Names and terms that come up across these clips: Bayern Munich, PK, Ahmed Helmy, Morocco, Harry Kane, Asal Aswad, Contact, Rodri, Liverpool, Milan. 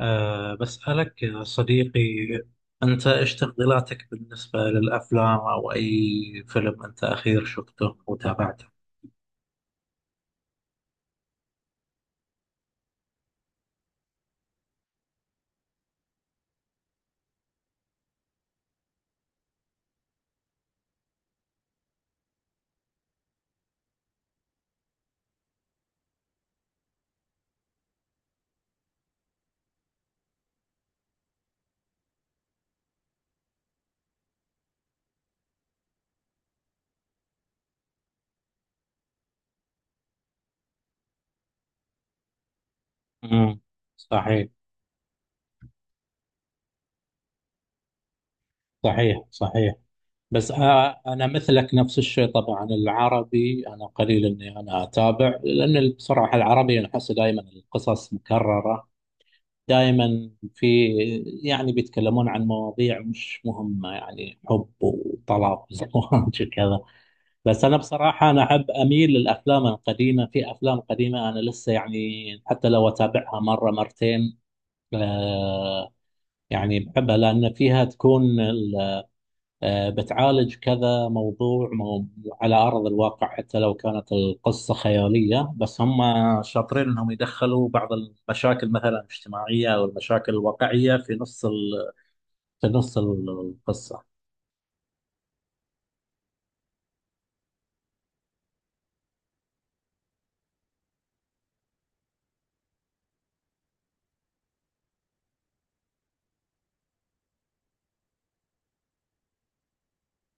بسألك يا صديقي، أنت إيش تفضيلاتك بالنسبة للأفلام أو أي فيلم أنت أخير شفته وتابعته؟ امم، صحيح، صحيح، صحيح. بس انا مثلك نفس الشيء، طبعا العربي انا قليل اني انا اتابع، لان بصراحه العربي انا احس دائما القصص مكرره، دائما في، يعني بيتكلمون عن مواضيع مش مهمه، يعني حب وطلاق وزواج وكذا. بس انا بصراحه انا احب اميل للافلام القديمه، في افلام قديمه انا لسه يعني حتى لو اتابعها مره مرتين. آه يعني بحبها لان فيها تكون بتعالج كذا موضوع، مو على ارض الواقع، حتى لو كانت القصه خياليه بس هم شاطرين انهم يدخلوا بعض المشاكل مثلا الاجتماعيه او المشاكل الواقعيه في نص القصه.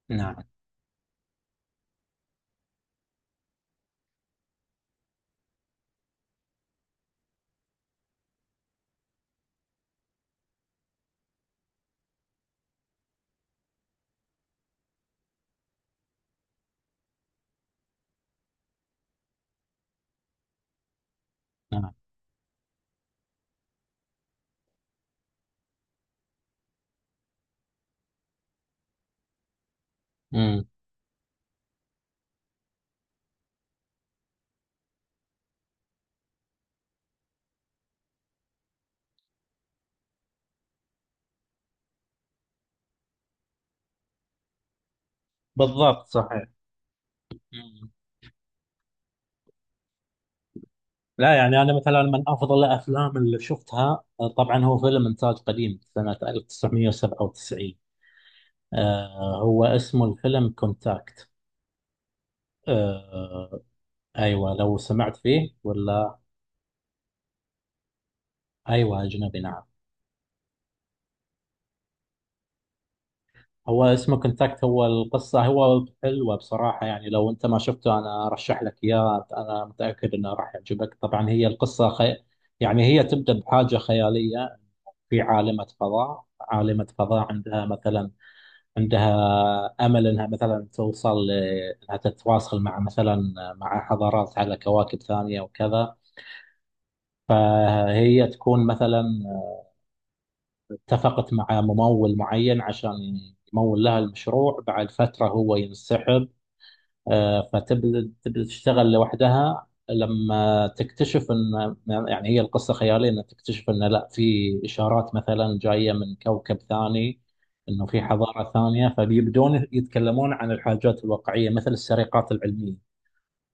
نعم. نعم. امم، بالضبط صحيح. لا يعني انا مثلا من افضل الافلام اللي شفتها آه، طبعا هو فيلم انتاج قديم سنه 1997. هو اسمه الفيلم كونتاكت. آه، ايوه، لو سمعت فيه ولا؟ ايوه اجنبي، نعم. هو اسمه كونتاكت، هو القصه هو حلوه بصراحه، يعني لو انت ما شفته انا ارشح لك اياه، انا متاكد انه راح يعجبك. طبعا هي القصه يعني هي تبدا بحاجه خياليه، في عالمة فضاء، عالمة فضاء عندها مثلا، عندها امل انها مثلا انها تتواصل مع مثلا مع حضارات على كواكب ثانيه وكذا. فهي تكون مثلا اتفقت مع ممول معين عشان يمول لها المشروع، بعد فتره هو ينسحب. آه، فتبدأ تشتغل لوحدها، لما تكتشف ان، يعني هي القصة خيالية، ان تكتشف ان لا، في اشارات مثلا جاية من كوكب ثاني، انه في حضارة ثانية. فبيبدون يتكلمون عن الحاجات الواقعية مثل السرقات العلمية،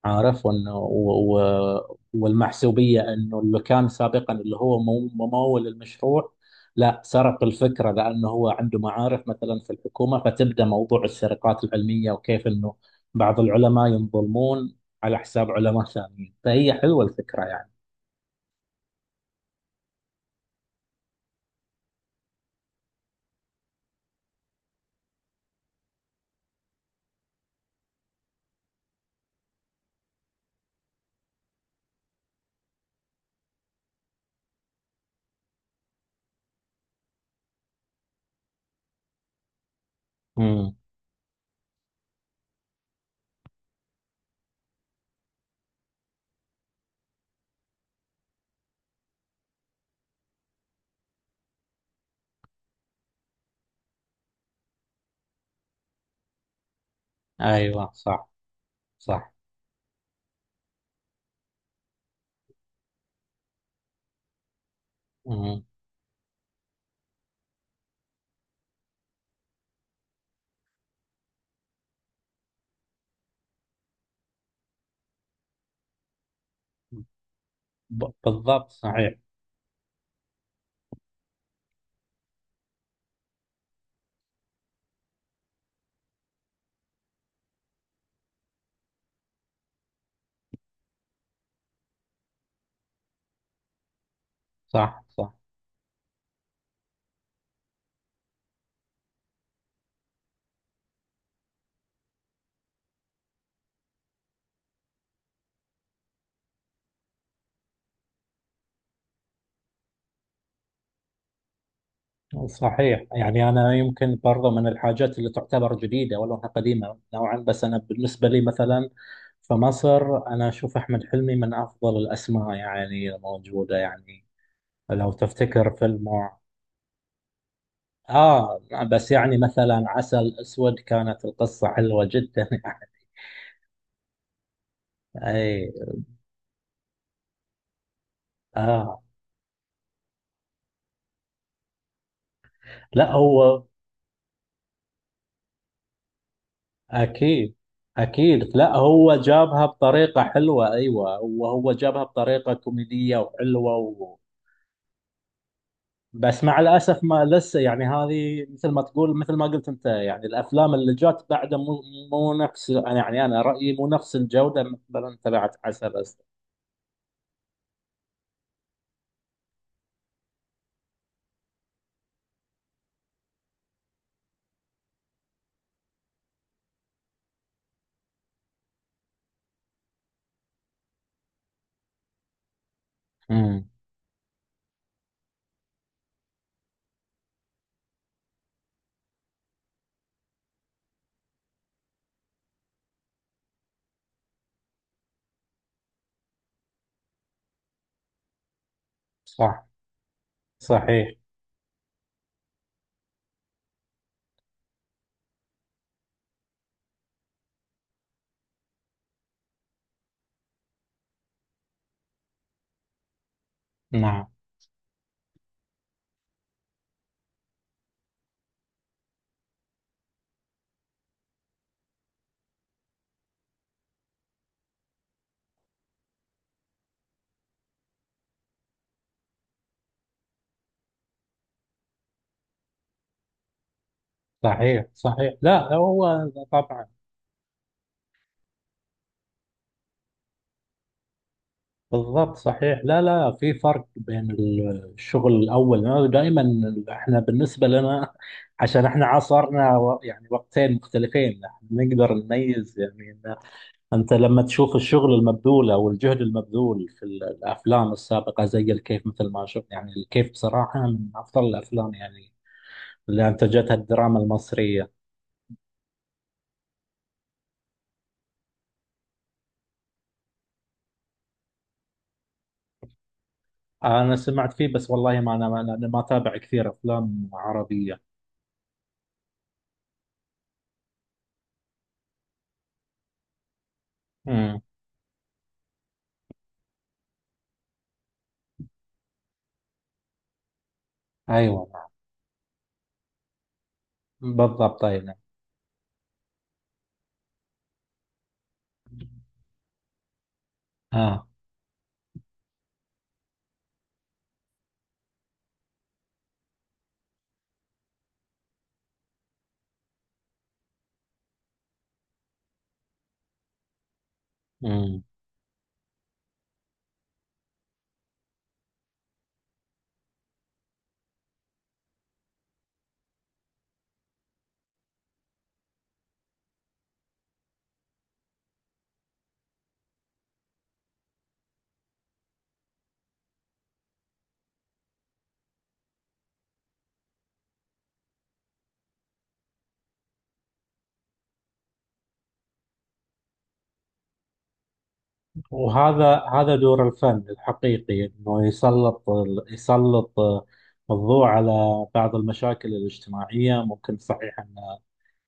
عارف، وانه والمحسوبيه، انه اللي كان سابقا اللي هو ممول المشروع لا، سرق الفكره لانه هو عنده معارف مثلا في الحكومه. فتبدا موضوع السرقات العلميه وكيف انه بعض العلماء ينظلمون على حساب علماء ثانيين. فهي حلوه الفكره يعني. امم. ايوه صح. صح. امم، بالضبط صحيح. صح. صح. صحيح يعني، أنا يمكن برضه من الحاجات اللي تعتبر جديدة ولو إنها قديمة نوعا. بس أنا بالنسبة لي مثلا في مصر أنا أشوف أحمد حلمي من أفضل الأسماء يعني موجودة، يعني لو تفتكر فيلمه. آه، بس يعني مثلا عسل أسود كانت القصة حلوة جدا يعني. أي. آه لا هو. أكيد. أكيد لا هو جابها بطريقة حلوة، أيوة وهو جابها بطريقة كوميدية وحلوة. بس مع الاسف ما لسه يعني هذه مثل ما تقول، مثل ما قلت انت يعني الافلام اللي جات بعده مو، مو نفس، أنا يعني انا رايي مو نفس الجوده مثلا تبعت عسل اسود. امم. صح. صحيح. نعم. صحيح صحيح لا هو طبعا بالضبط صحيح. لا لا في فرق بين الشغل الاول. أنا دائما احنا بالنسبه لنا، عشان احنا عصرنا و- يعني وقتين مختلفين احنا نقدر نميز يعني. أنت لما تشوف الشغل المبذول أو الجهد المبذول في الأفلام السابقة زي الكيف، مثل ما شفت، يعني الكيف بصراحة من أفضل الأفلام يعني اللي أنتجتها الدراما المصرية. أنا سمعت فيه بس والله ما أنا ما أتابع كثير أفلام عربية. امم. أيوة. بالضبط أيوة. آه. امم، وهذا دور الفن الحقيقي، إنه يسلط يسلط الضوء على بعض المشاكل الاجتماعية، ممكن صحيح ان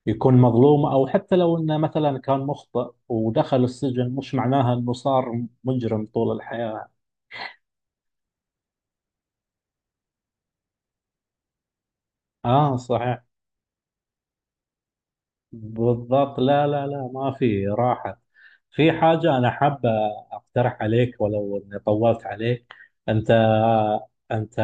يكون مظلوم، أو حتى لو إنه مثلا كان مخطئ ودخل السجن مش معناها إنه صار مجرم طول الحياة. آه صحيح. بالضبط. لا لا لا ما في راحة. في حاجة أنا حابة أقترح عليك ولو إني طولت عليك. أنت، أنت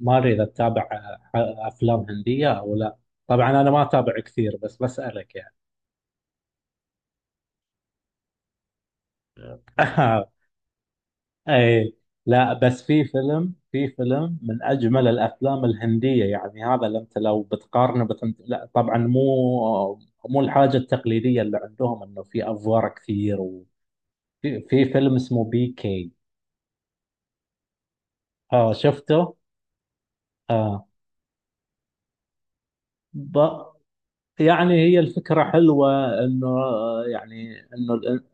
ماري إذا تتابع ح- أفلام هندية أو لا؟ طبعا أنا ما أتابع كثير بس بسألك يعني. اي، لا بس في فيلم، في فيلم من اجمل الافلام الهنديه، يعني هذا اللي انت لو بتقارنه لا طبعا مو، مو الحاجه التقليديه اللي عندهم انه في افوار كثير وفي، في فيلم اسمه PK. اه شفته. اه. ب... يعني هي الفكره حلوه انه يعني انه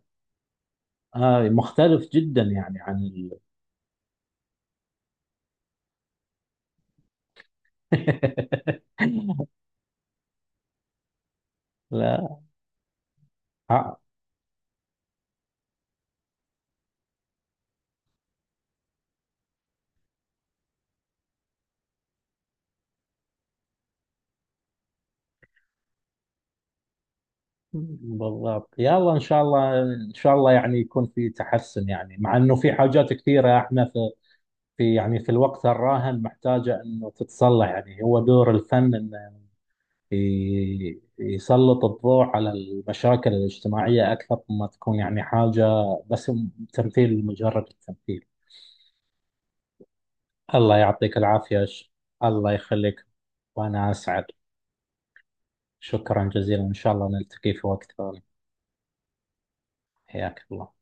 آه مختلف جدا يعني عن ال... لا. آه. بالضبط، يلا ان شاء الله، ان شاء الله يعني يكون في تحسن، يعني مع انه في حاجات كثيره احنا في، في يعني في الوقت الراهن محتاجه انه تتصلح. يعني هو دور الفن انه يسلط الضوء على المشاكل الاجتماعيه اكثر ما تكون، يعني حاجه بس تمثيل، مجرد التمثيل. الله يعطيك العافيه الله يخليك، وانا اسعد. شكرا جزيلا، ان شاء الله نلتقي في وقت ثاني. حياك الله.